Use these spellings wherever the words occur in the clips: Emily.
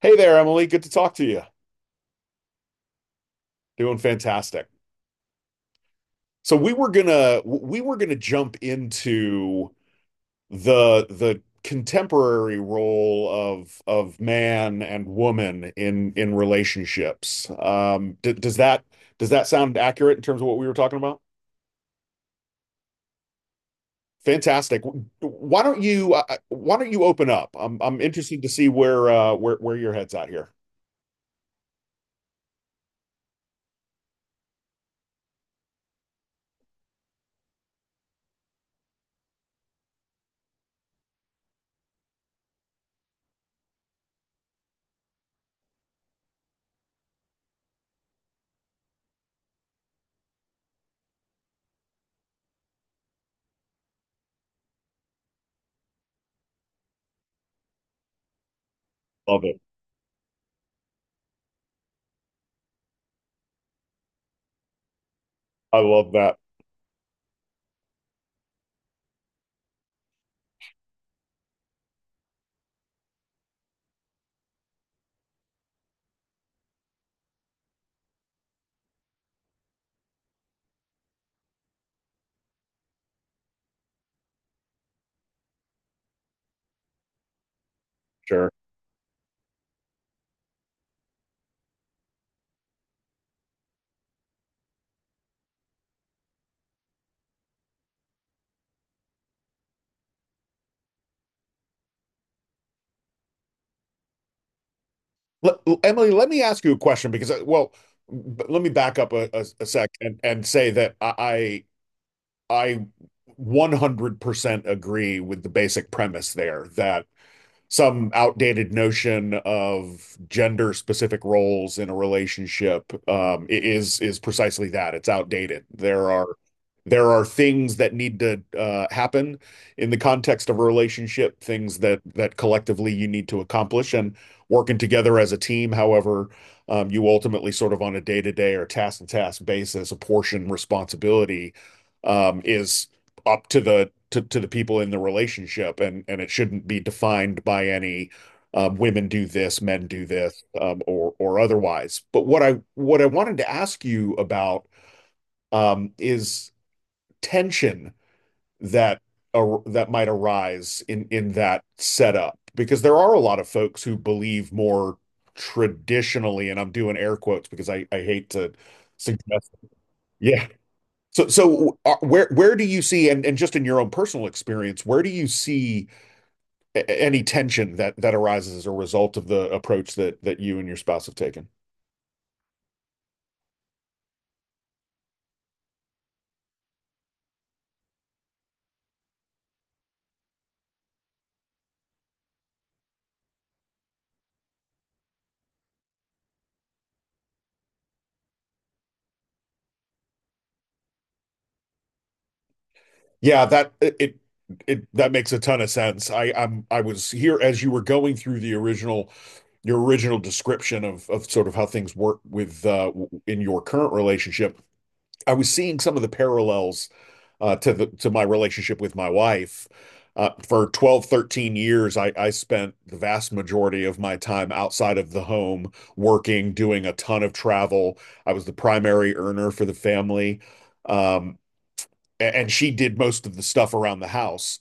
Hey there, Emily. Good to talk to you. Doing fantastic. So we were gonna jump into the contemporary role of man and woman in relationships. D does that sound accurate in terms of what we were talking about? Fantastic. Why don't you open up? I'm interested to see where your head's at here. Love it. I love that. Sure. Let- Emily, let me ask you a question because, well, let me back up a sec and say that I 100% agree with the basic premise there that some outdated notion of gender specific roles in a relationship, is precisely that. It's outdated. There are things that need to happen in the context of a relationship, things that that collectively you need to accomplish, and working together as a team. However, you ultimately sort of on a day-to-day or task-to-task basis, apportion responsibility is up to the to the people in the relationship, and it shouldn't be defined by any, women do this, men do this, or otherwise. But what I wanted to ask you about, is tension that ar that might arise in that setup, because there are a lot of folks who believe more traditionally, and I'm doing air quotes because I hate to suggest it. Yeah. So where do you see, and just in your own personal experience, where do you see any tension that that arises as a result of the approach that that you and your spouse have taken? Yeah, that it that makes a ton of sense. I was here as you were going through the original your original description of sort of how things work with in your current relationship. I was seeing some of the parallels to the to my relationship with my wife. For 12, 13 years, I spent the vast majority of my time outside of the home, working, doing a ton of travel. I was the primary earner for the family. Um, and she did most of the stuff around the house.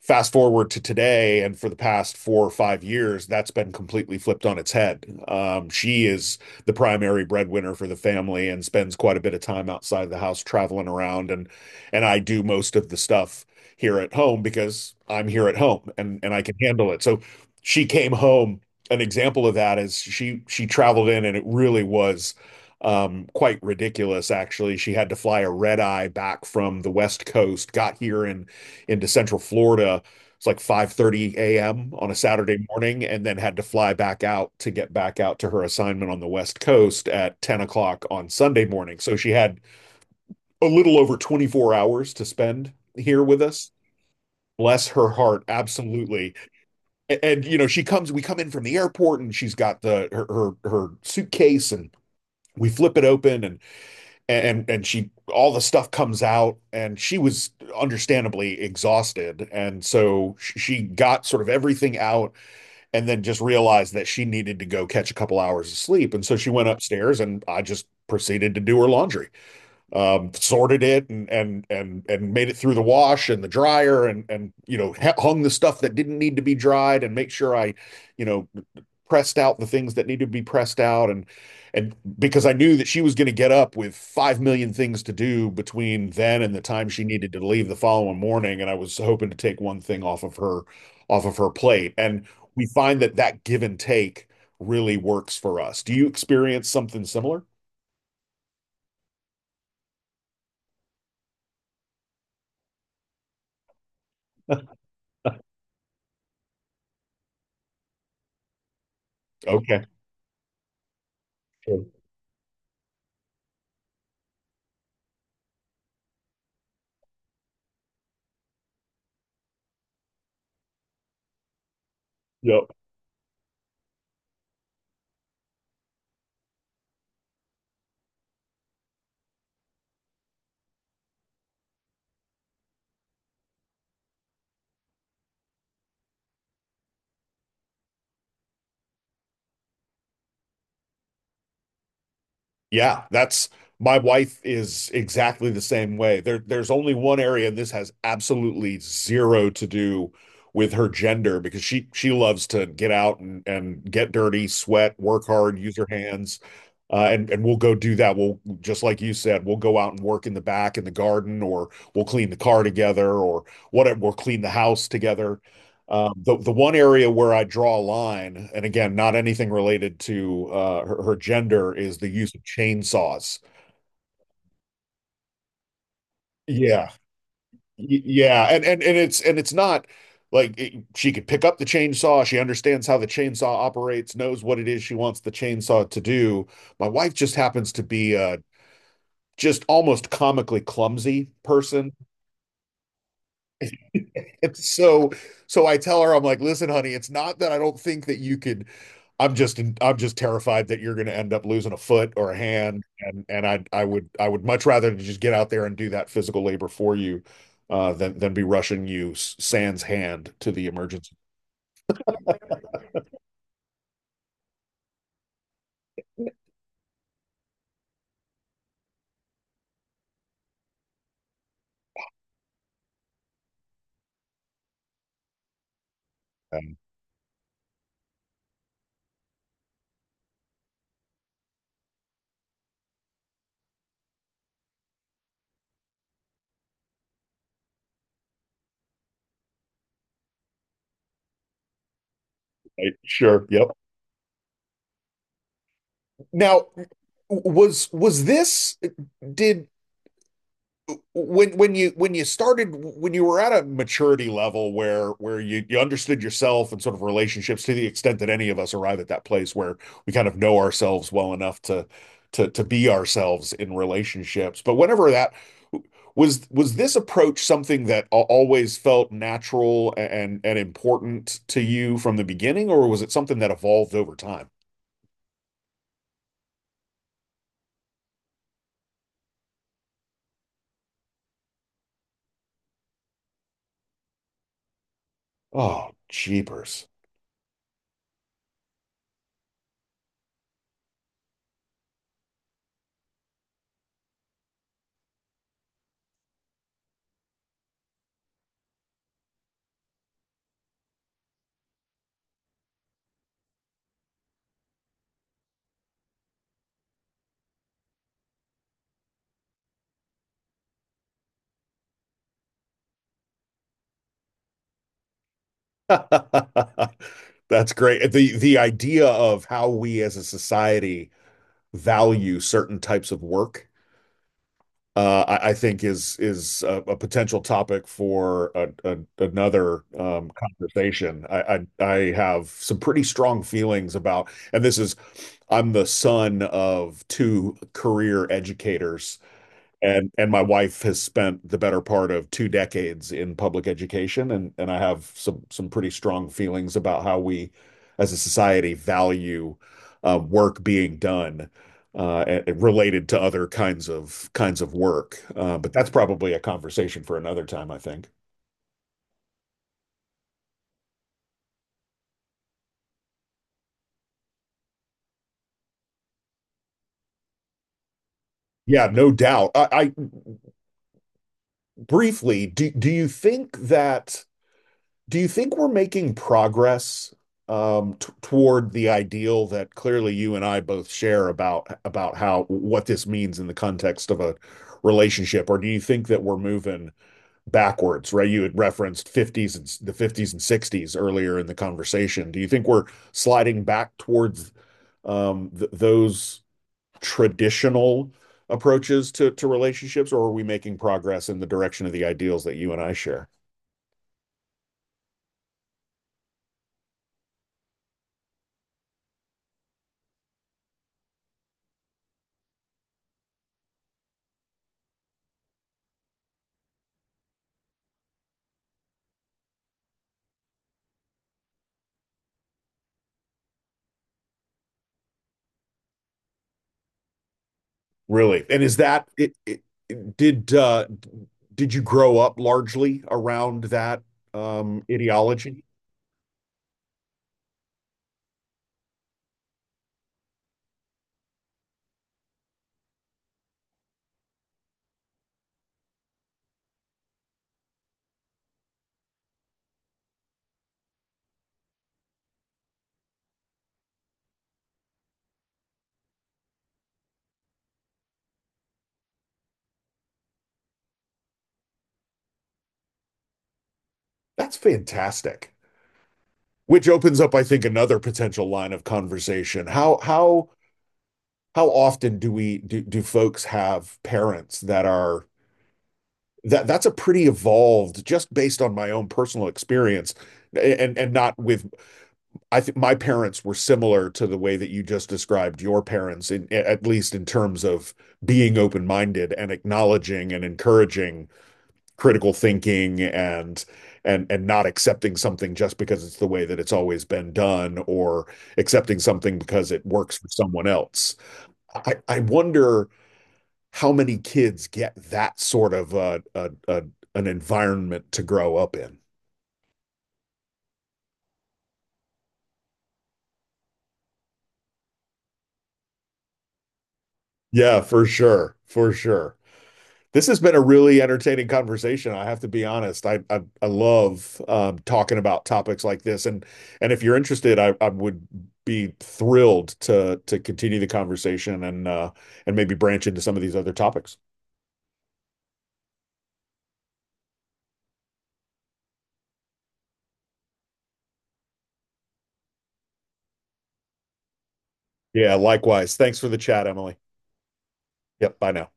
Fast forward to today, and for the past 4 or 5 years, that's been completely flipped on its head. She is the primary breadwinner for the family and spends quite a bit of time outside of the house traveling around, and I do most of the stuff here at home because I'm here at home and I can handle it. So she came home. An example of that is she traveled in, and it really was, quite ridiculous, actually. She had to fly a red eye back from the West Coast, got here in into Central Florida. It's like 5:30 a.m. on a Saturday morning, and then had to fly back out to get back out to her assignment on the West Coast at 10 o'clock on Sunday morning. So she had a little over 24 hours to spend here with us. Bless her heart, absolutely. And, you know, we come in from the airport, and she's got her suitcase, and we flip it open, and and she, all the stuff comes out, and she was understandably exhausted, and so she got sort of everything out, and then just realized that she needed to go catch a couple hours of sleep, and so she went upstairs, and I just proceeded to do her laundry, sorted it, and made it through the wash and the dryer, and you know hung the stuff that didn't need to be dried, and make sure I, you know, pressed out the things that needed to be pressed out, and because I knew that she was going to get up with 5 million things to do between then and the time she needed to leave the following morning, and I was hoping to take one thing off of her plate. And we find that that give and take really works for us. Do you experience something similar? Okay. Sure. Yep. Yeah, that's My wife is exactly the same way. There's only one area, and this has absolutely zero to do with her gender, because she loves to get out and get dirty, sweat, work hard, use her hands, and we'll go do that. We'll just like you said, we'll go out and work in the back in the garden, or we'll clean the car together, or whatever. We'll clean the house together. The one area where I draw a line, and again, not anything related to, her gender, is the use of chainsaws. Yeah, yeah, and and it's, and it's not like she could pick up the chainsaw. She understands how the chainsaw operates, knows what it is she wants the chainsaw to do. My wife just happens to be a just almost comically clumsy person. And so so I tell her, I'm like, listen, honey, it's not that I don't think that you could. I'm just terrified that you're going to end up losing a foot or a hand, and I would I would much rather just get out there and do that physical labor for you, than be rushing you sans hand to the emergency room." Right? Sure. Yep. Now, was this did when you started, when you were at a maturity level where you understood yourself and sort of relationships, to the extent that any of us arrive at that place where we kind of know ourselves well enough to to be ourselves in relationships, but whenever that was this approach something that always felt natural and important to you from the beginning, or was it something that evolved over time? Oh, jeepers. That's great. The idea of how we as a society value certain types of work, I think is a potential topic for another, conversation. I have some pretty strong feelings about, and this is, I'm the son of two career educators, and my wife has spent the better part of 2 decades in public education, and I have some pretty strong feelings about how we, as a society, value work being done, related to other kinds of work. But that's probably a conversation for another time, I think. Yeah, no doubt. I Briefly, do do you think that, do you think we're making progress, t toward the ideal that clearly you and I both share about how what this means in the context of a relationship? Or do you think that we're moving backwards, right? You had referenced fifties, and the 50s and 60s earlier in the conversation. Do you think we're sliding back towards, th those traditional approaches to relationships, or are we making progress in the direction of the ideals that you and I share? Really? And is that it- did you grow up largely around that, ideology? That's fantastic. Which opens up, I think, another potential line of conversation. How often do we do, do folks have parents that are that's a pretty evolved, just based on my own personal experience, and not with I think my parents were similar to the way that you just described your parents, in, at least in terms of being open-minded and acknowledging and encouraging critical thinking and not accepting something just because it's the way that it's always been done, or accepting something because it works for someone else. I wonder how many kids get that sort of a an environment to grow up in. Yeah, for sure, for sure. This has been a really entertaining conversation. I have to be honest. I love, talking about topics like this, and if you're interested, I would be thrilled to continue the conversation and, and maybe branch into some of these other topics. Yeah, likewise. Thanks for the chat, Emily. Yep. Bye now.